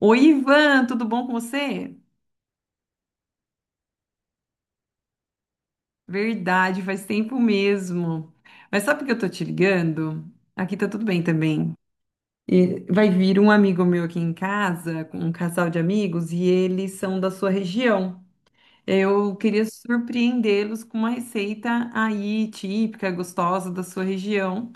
Oi, Ivan, tudo bom com você? Verdade, faz tempo mesmo. Mas sabe por que eu tô te ligando? Aqui tá tudo bem também. E vai vir um amigo meu aqui em casa, com um casal de amigos, e eles são da sua região. Eu queria surpreendê-los com uma receita aí típica, gostosa da sua região,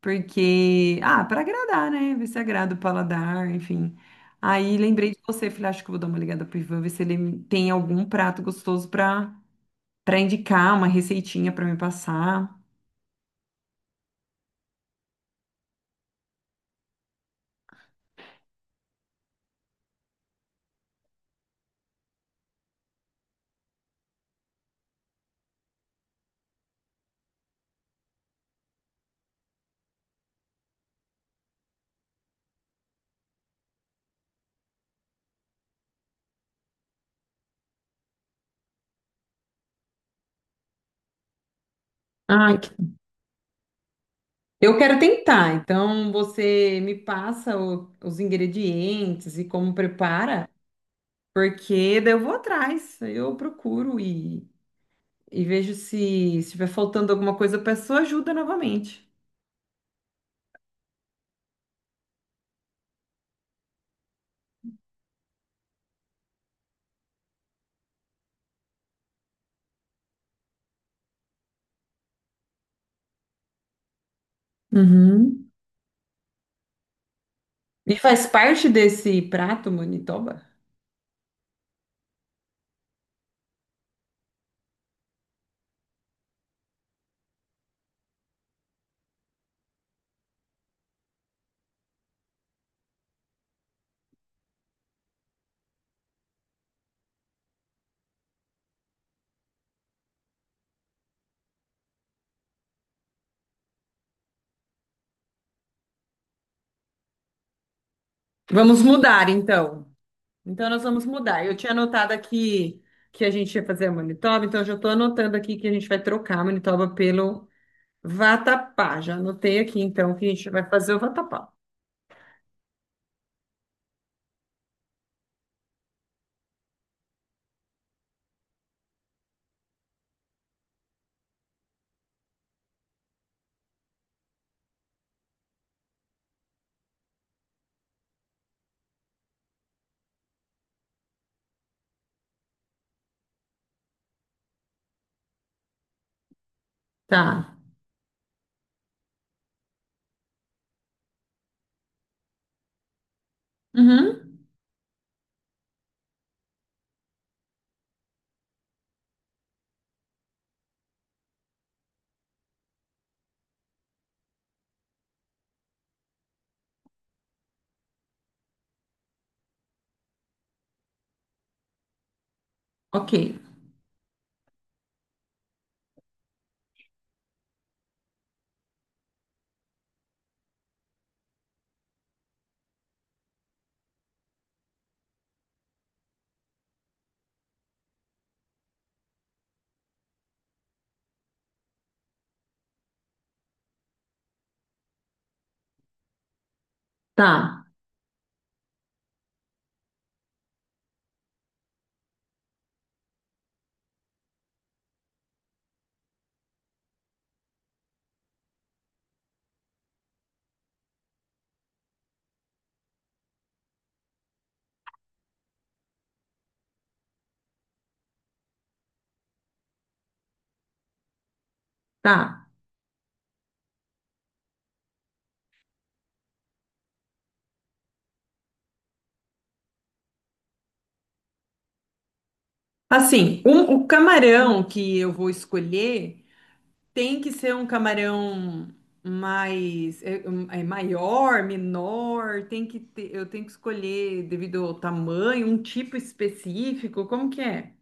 porque, ah, para agradar, né? Ver se agrada o paladar, enfim. Aí lembrei de você, falei, acho que eu vou dar uma ligada pro Ivan, ver se ele tem algum prato gostoso para para indicar uma receitinha para me passar. Ah, que- eu quero tentar. Então, você me passa os ingredientes e como prepara, porque daí eu vou atrás, eu procuro e vejo se estiver faltando alguma coisa, eu peço ajuda novamente. Uhum. E faz parte desse prato, Manitoba? Vamos mudar, então. Então, nós vamos mudar. Eu tinha anotado aqui que a gente ia fazer a Manitoba, então eu já estou anotando aqui que a gente vai trocar a Manitoba pelo Vatapá. Já anotei aqui, então, que a gente vai fazer o vatapá. Tá. Uhum. Ok. Tá. Tá. Assim, o camarão que eu vou escolher tem que ser um camarão mais... É, é maior, menor? Tem que ter, eu tenho que escolher devido ao tamanho, um tipo específico? Como que é?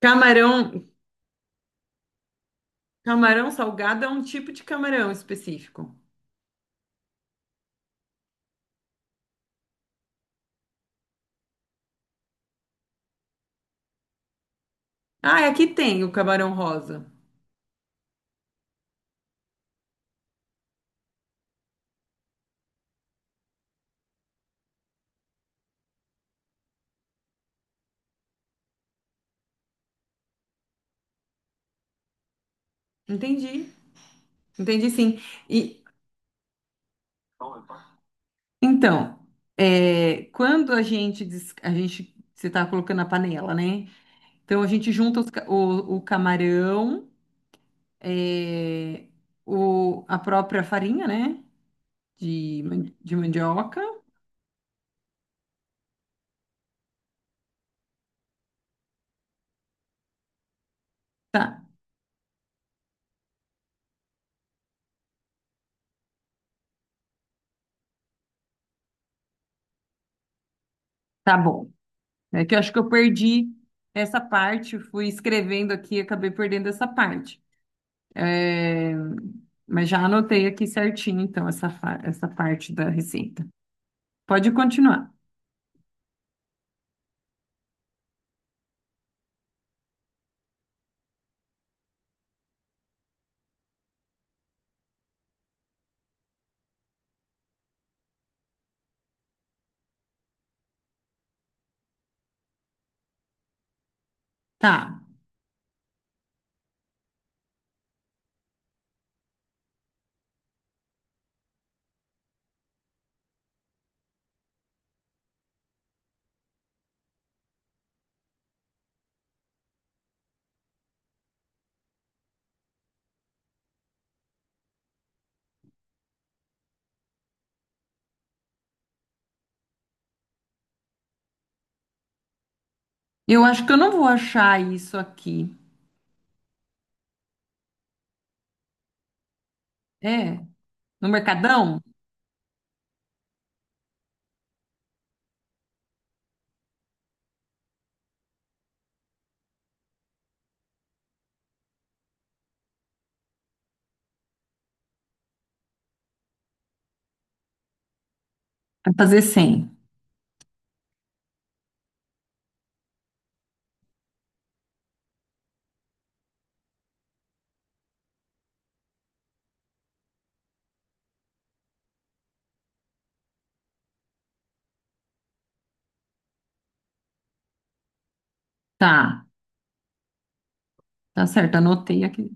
Camarão, camarão salgado é um tipo de camarão específico. Ah, aqui tem o camarão rosa. Entendi. Entendi, sim. E então, é, quando a gente des- a gente você está colocando a panela, né? Então a gente junta o camarão, é, a própria farinha, né? De, de mandioca. Tá bom. É que eu acho que eu perdi essa parte, fui escrevendo aqui e acabei perdendo essa parte. É, mas já anotei aqui certinho, então, essa, essa parte da receita. Pode continuar. Tá. Eu acho que eu não vou achar isso aqui. É, no Mercadão? Vai fazer 100. Tá, tá certo, anotei aqui.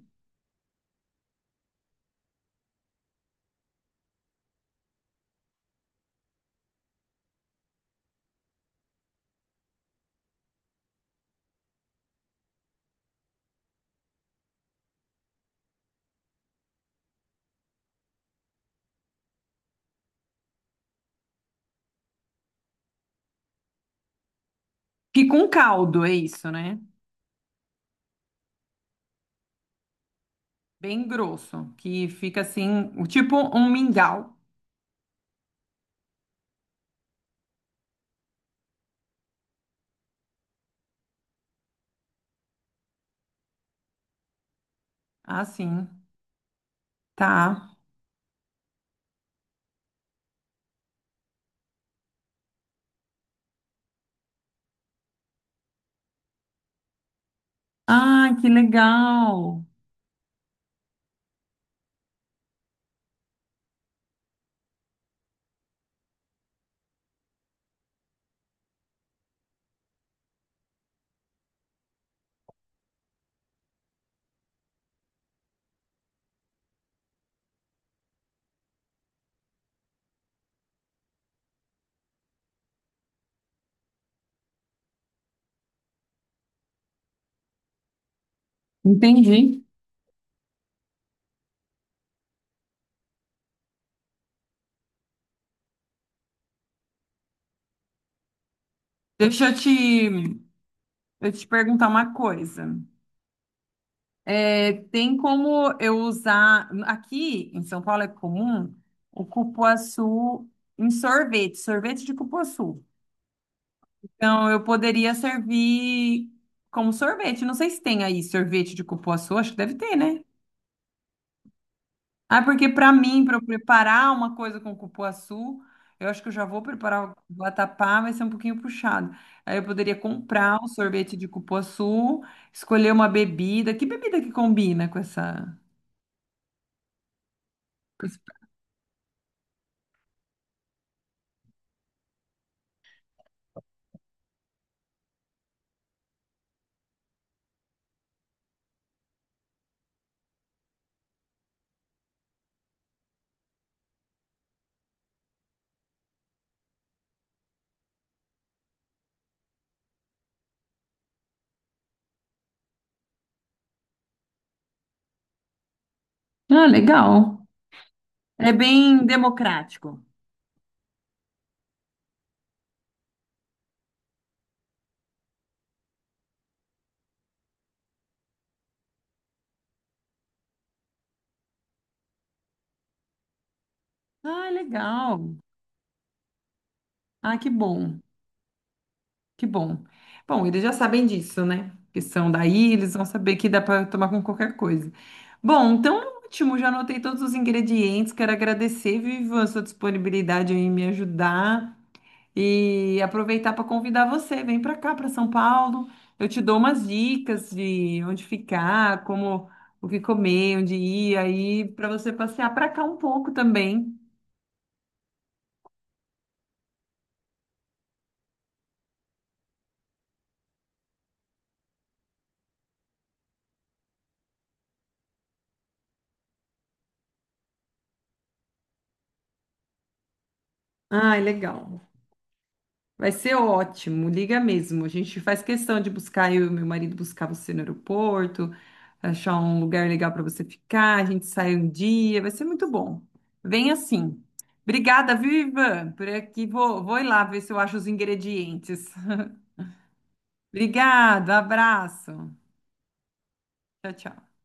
Fica um caldo, é isso, né? Bem grosso, que fica assim, tipo um mingau. Assim, tá. Ah, que legal. Entendi. Deixa eu te, eu te perguntar uma coisa. É, tem como eu usar. Aqui em São Paulo é comum o cupuaçu em sorvete, sorvete de cupuaçu. Então eu poderia servir como sorvete. Não sei se tem aí sorvete de cupuaçu, acho que deve ter, né? Ah, porque para mim, para eu preparar uma coisa com cupuaçu, eu acho que eu já vou preparar o vatapá, vai ser um pouquinho puxado. Aí eu poderia comprar um sorvete de cupuaçu, escolher uma bebida. Que bebida que combina com essa? Ah, legal. É bem democrático. Ah, legal. Ah, que bom. Que bom. Bom, eles já sabem disso, né? Que são daí, eles vão saber que dá para tomar com qualquer coisa. Bom, então ótimo, já anotei todos os ingredientes. Quero agradecer, Vivian, a sua disponibilidade aí em me ajudar e aproveitar para convidar você. Vem para cá, para São Paulo. Eu te dou umas dicas de onde ficar, como o que comer, onde ir, aí para você passear para cá um pouco também. Ai, legal. Vai ser ótimo, liga mesmo. A gente faz questão de buscar, eu e meu marido buscar você no aeroporto, achar um lugar legal para você ficar, a gente sai um dia, vai ser muito bom. Vem assim. Obrigada, viu, Ivan? Vou ir lá ver se eu acho os ingredientes. Obrigada, abraço. Tchau, tchau.